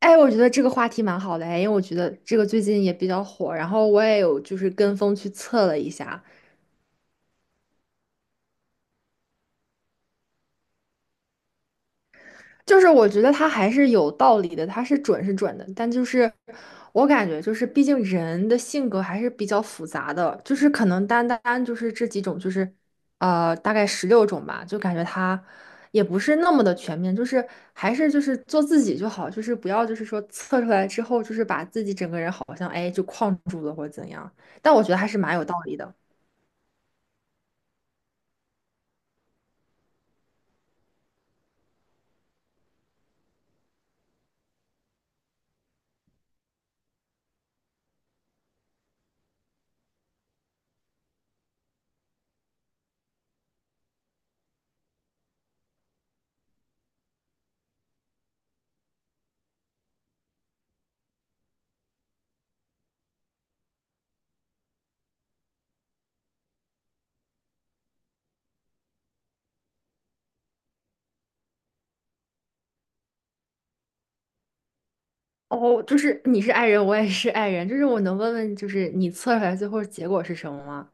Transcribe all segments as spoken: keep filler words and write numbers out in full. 哎，我觉得这个话题蛮好的哎，因为我觉得这个最近也比较火，然后我也有就是跟风去测了一下，就是我觉得它还是有道理的，它是准是准的，但就是我感觉就是毕竟人的性格还是比较复杂的，就是可能单单就是这几种，就是呃大概十六种吧，就感觉它也不是那么的全面，就是还是就是做自己就好，就是不要就是说测出来之后就是把自己整个人好像哎就框住了或者怎样，但我觉得还是蛮有道理的。哦，就是你是 i 人，我也是 i 人，就是我能问问，就是你测出来最后结果是什么吗？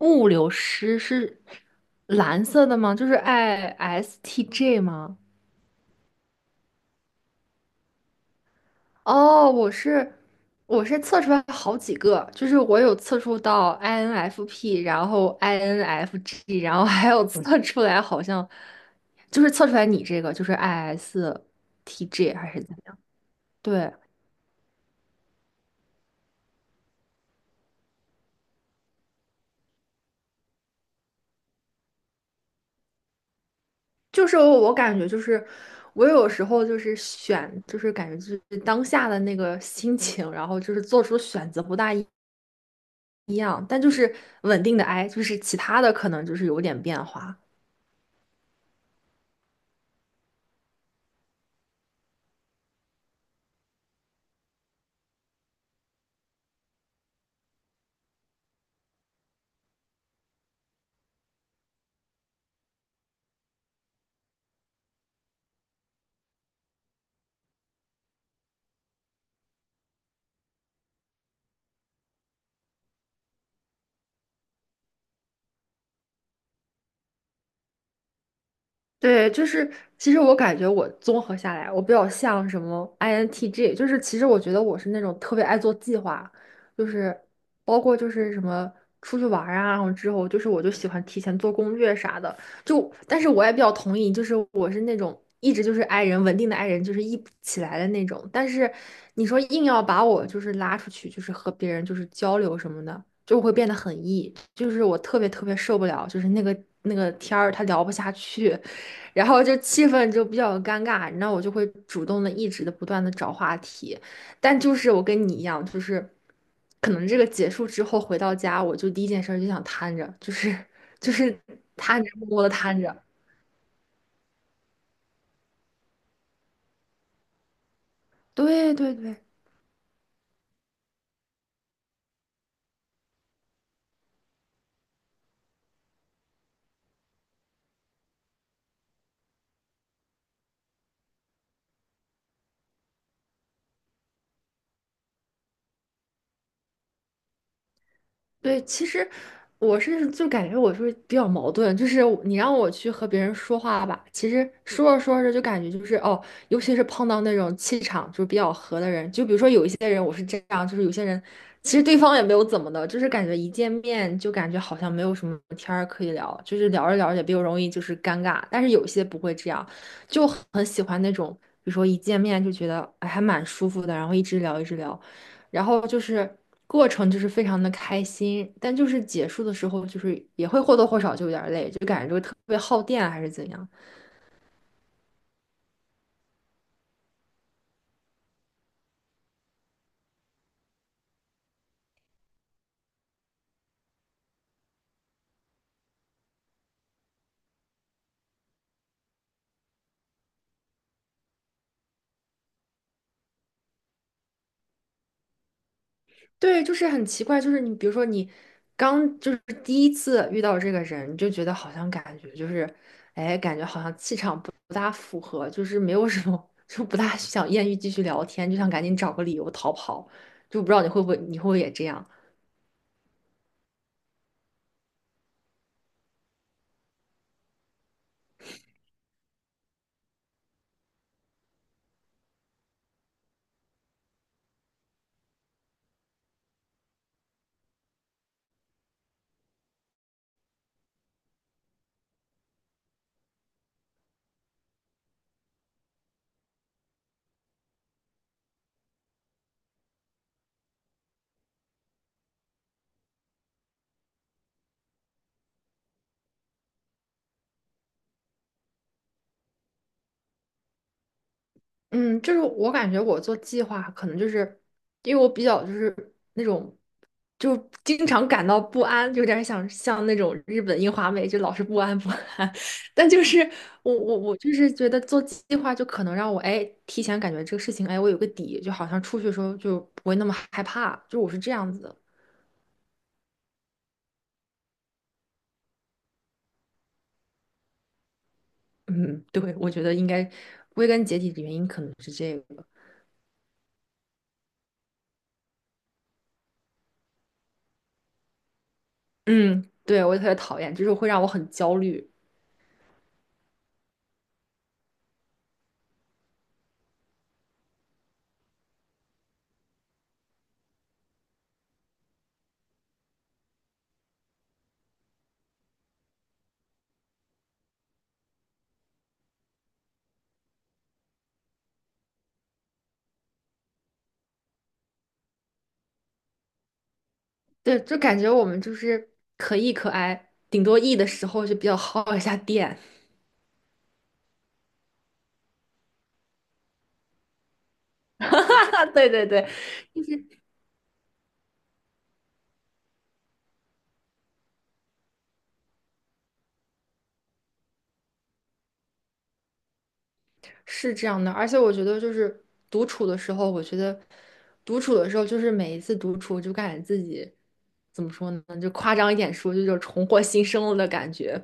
物流师是蓝色的吗？就是 I S T J 吗？哦，我是我是测出来好几个，就是我有测出到 I N F P，然后 I N F G，然后还有测出来好像就是测出来你这个就是 I S T J 还是怎么样？对。就是我我感觉就是我有时候就是选，就是感觉就是当下的那个心情，然后就是做出的选择不大一一样，但就是稳定的 I,就是其他的可能就是有点变化。对，就是其实我感觉我综合下来，我比较像什么 I N T J，就是其实我觉得我是那种特别爱做计划，就是包括就是什么出去玩儿啊，然后之后就是我就喜欢提前做攻略啥的。就但是我也比较同意，就是我是那种一直就是 i 人稳定的 i 人，就是一起来的那种。但是你说硬要把我就是拉出去，就是和别人就是交流什么的。就会变得很 E，就是我特别特别受不了，就是那个那个天儿他聊不下去，然后就气氛就比较尴尬，那我就会主动的一直的不断的找话题，但就是我跟你一样，就是可能这个结束之后回到家，我就第一件事儿就想瘫着，就是就是瘫着默默的瘫着，对对对。对，其实我是就感觉我是比较矛盾，就是我你让我去和别人说话吧，其实说着说着就感觉就是哦，尤其是碰到那种气场就是比较合的人，就比如说有一些人我是这样，就是有些人其实对方也没有怎么的，就是感觉一见面就感觉好像没有什么天儿可以聊，就是聊着聊着也比较容易就是尴尬，但是有些不会这样，就很喜欢那种，比如说一见面就觉得哎还蛮舒服的，然后一直聊一直聊。然后就是过程就是非常的开心，但就是结束的时候就是也会或多或少就有点累，就感觉这个特别耗电啊还是怎样。对，就是很奇怪，就是你比如说你刚就是第一次遇到这个人，你就觉得好像感觉就是，哎，感觉好像气场不不大符合，就是没有什么，就不大想艳遇继续聊天，就想赶紧找个理由逃跑，就不知道你会不会你会不会也这样。嗯，就是我感觉我做计划，可能就是因为我比较就是那种，就经常感到不安，有点想像那种日本樱花妹，就老是不安不安。但就是我我我就是觉得做计划，就可能让我哎提前感觉这个事情，哎我有个底，就好像出去的时候就不会那么害怕，就我是这样子的。嗯，对，我觉得应该归根结底的原因可能是这个。嗯，对，我也特别讨厌，就是会让我很焦虑。对，就感觉我们就是可 E 可 I，顶多 E 的时候就比较耗一下电，啊对对对，是这样的。而且我觉得就是独处的时候，我觉得独处的时候就是每一次独处就感觉自己怎么说呢，就夸张一点说，就有重获新生了的感觉。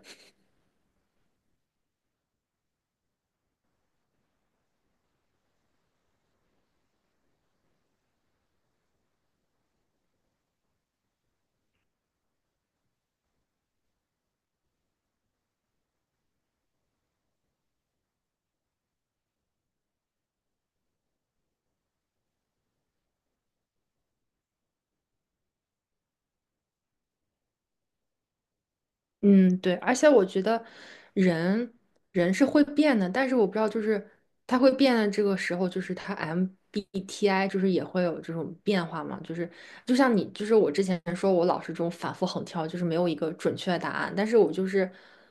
嗯，对，而且我觉得人人是会变的，但是我不知道，就是他会变的这个时候，就是他 M B T I 就是也会有这种变化嘛，就是就像你，就是我之前说我老是这种反复横跳，就是没有一个准确的答案，但是我就是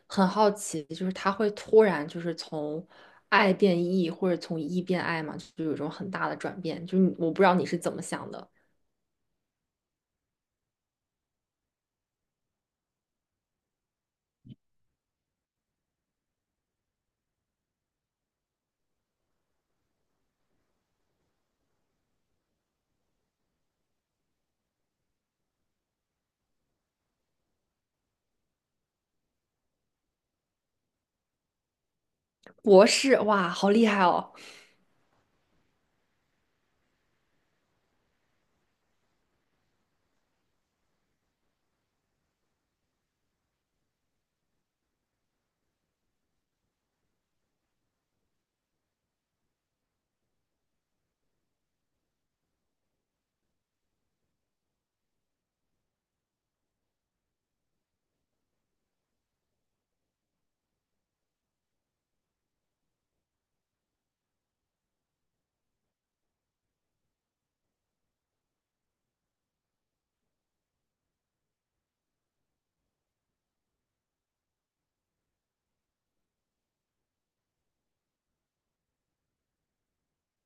很好奇，就是他会突然就是从爱变 E 或者从 E 变 I 嘛，就有一种很大的转变，就是你我不知道你是怎么想的。博士，哇，好厉害哦！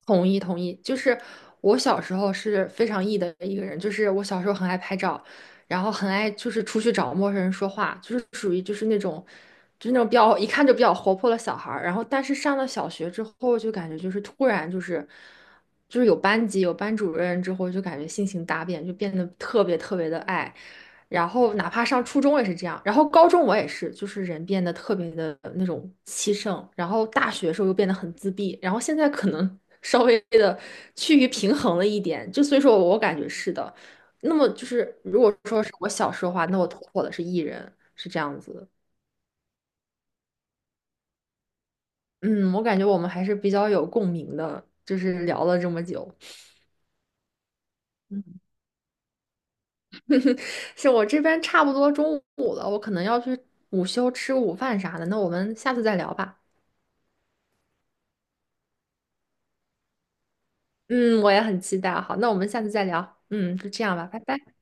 同意同意，就是我小时候是非常 E 的一个人，就是我小时候很爱拍照，然后很爱就是出去找陌生人说话，就是属于就是那种，就是那种比较一看就比较活泼的小孩儿。然后但是上了小学之后，就感觉就是突然就是就是有班级有班主任之后，就感觉性情大变，就变得特别特别的爱。然后哪怕上初中也是这样，然后高中我也是，就是人变得特别的那种气盛，然后大学时候又变得很自闭，然后现在可能稍微的趋于平衡了一点，就所以说我感觉是的。那么就是如果说是我小时候的话，那我突破的是 E 人，是这样子。嗯，我感觉我们还是比较有共鸣的，就是聊了这么久。嗯，是我这边差不多中午了，我可能要去午休吃午饭啥的，那我们下次再聊吧。嗯，我也很期待啊。好，那我们下次再聊。嗯，就这样吧，拜拜。拜拜。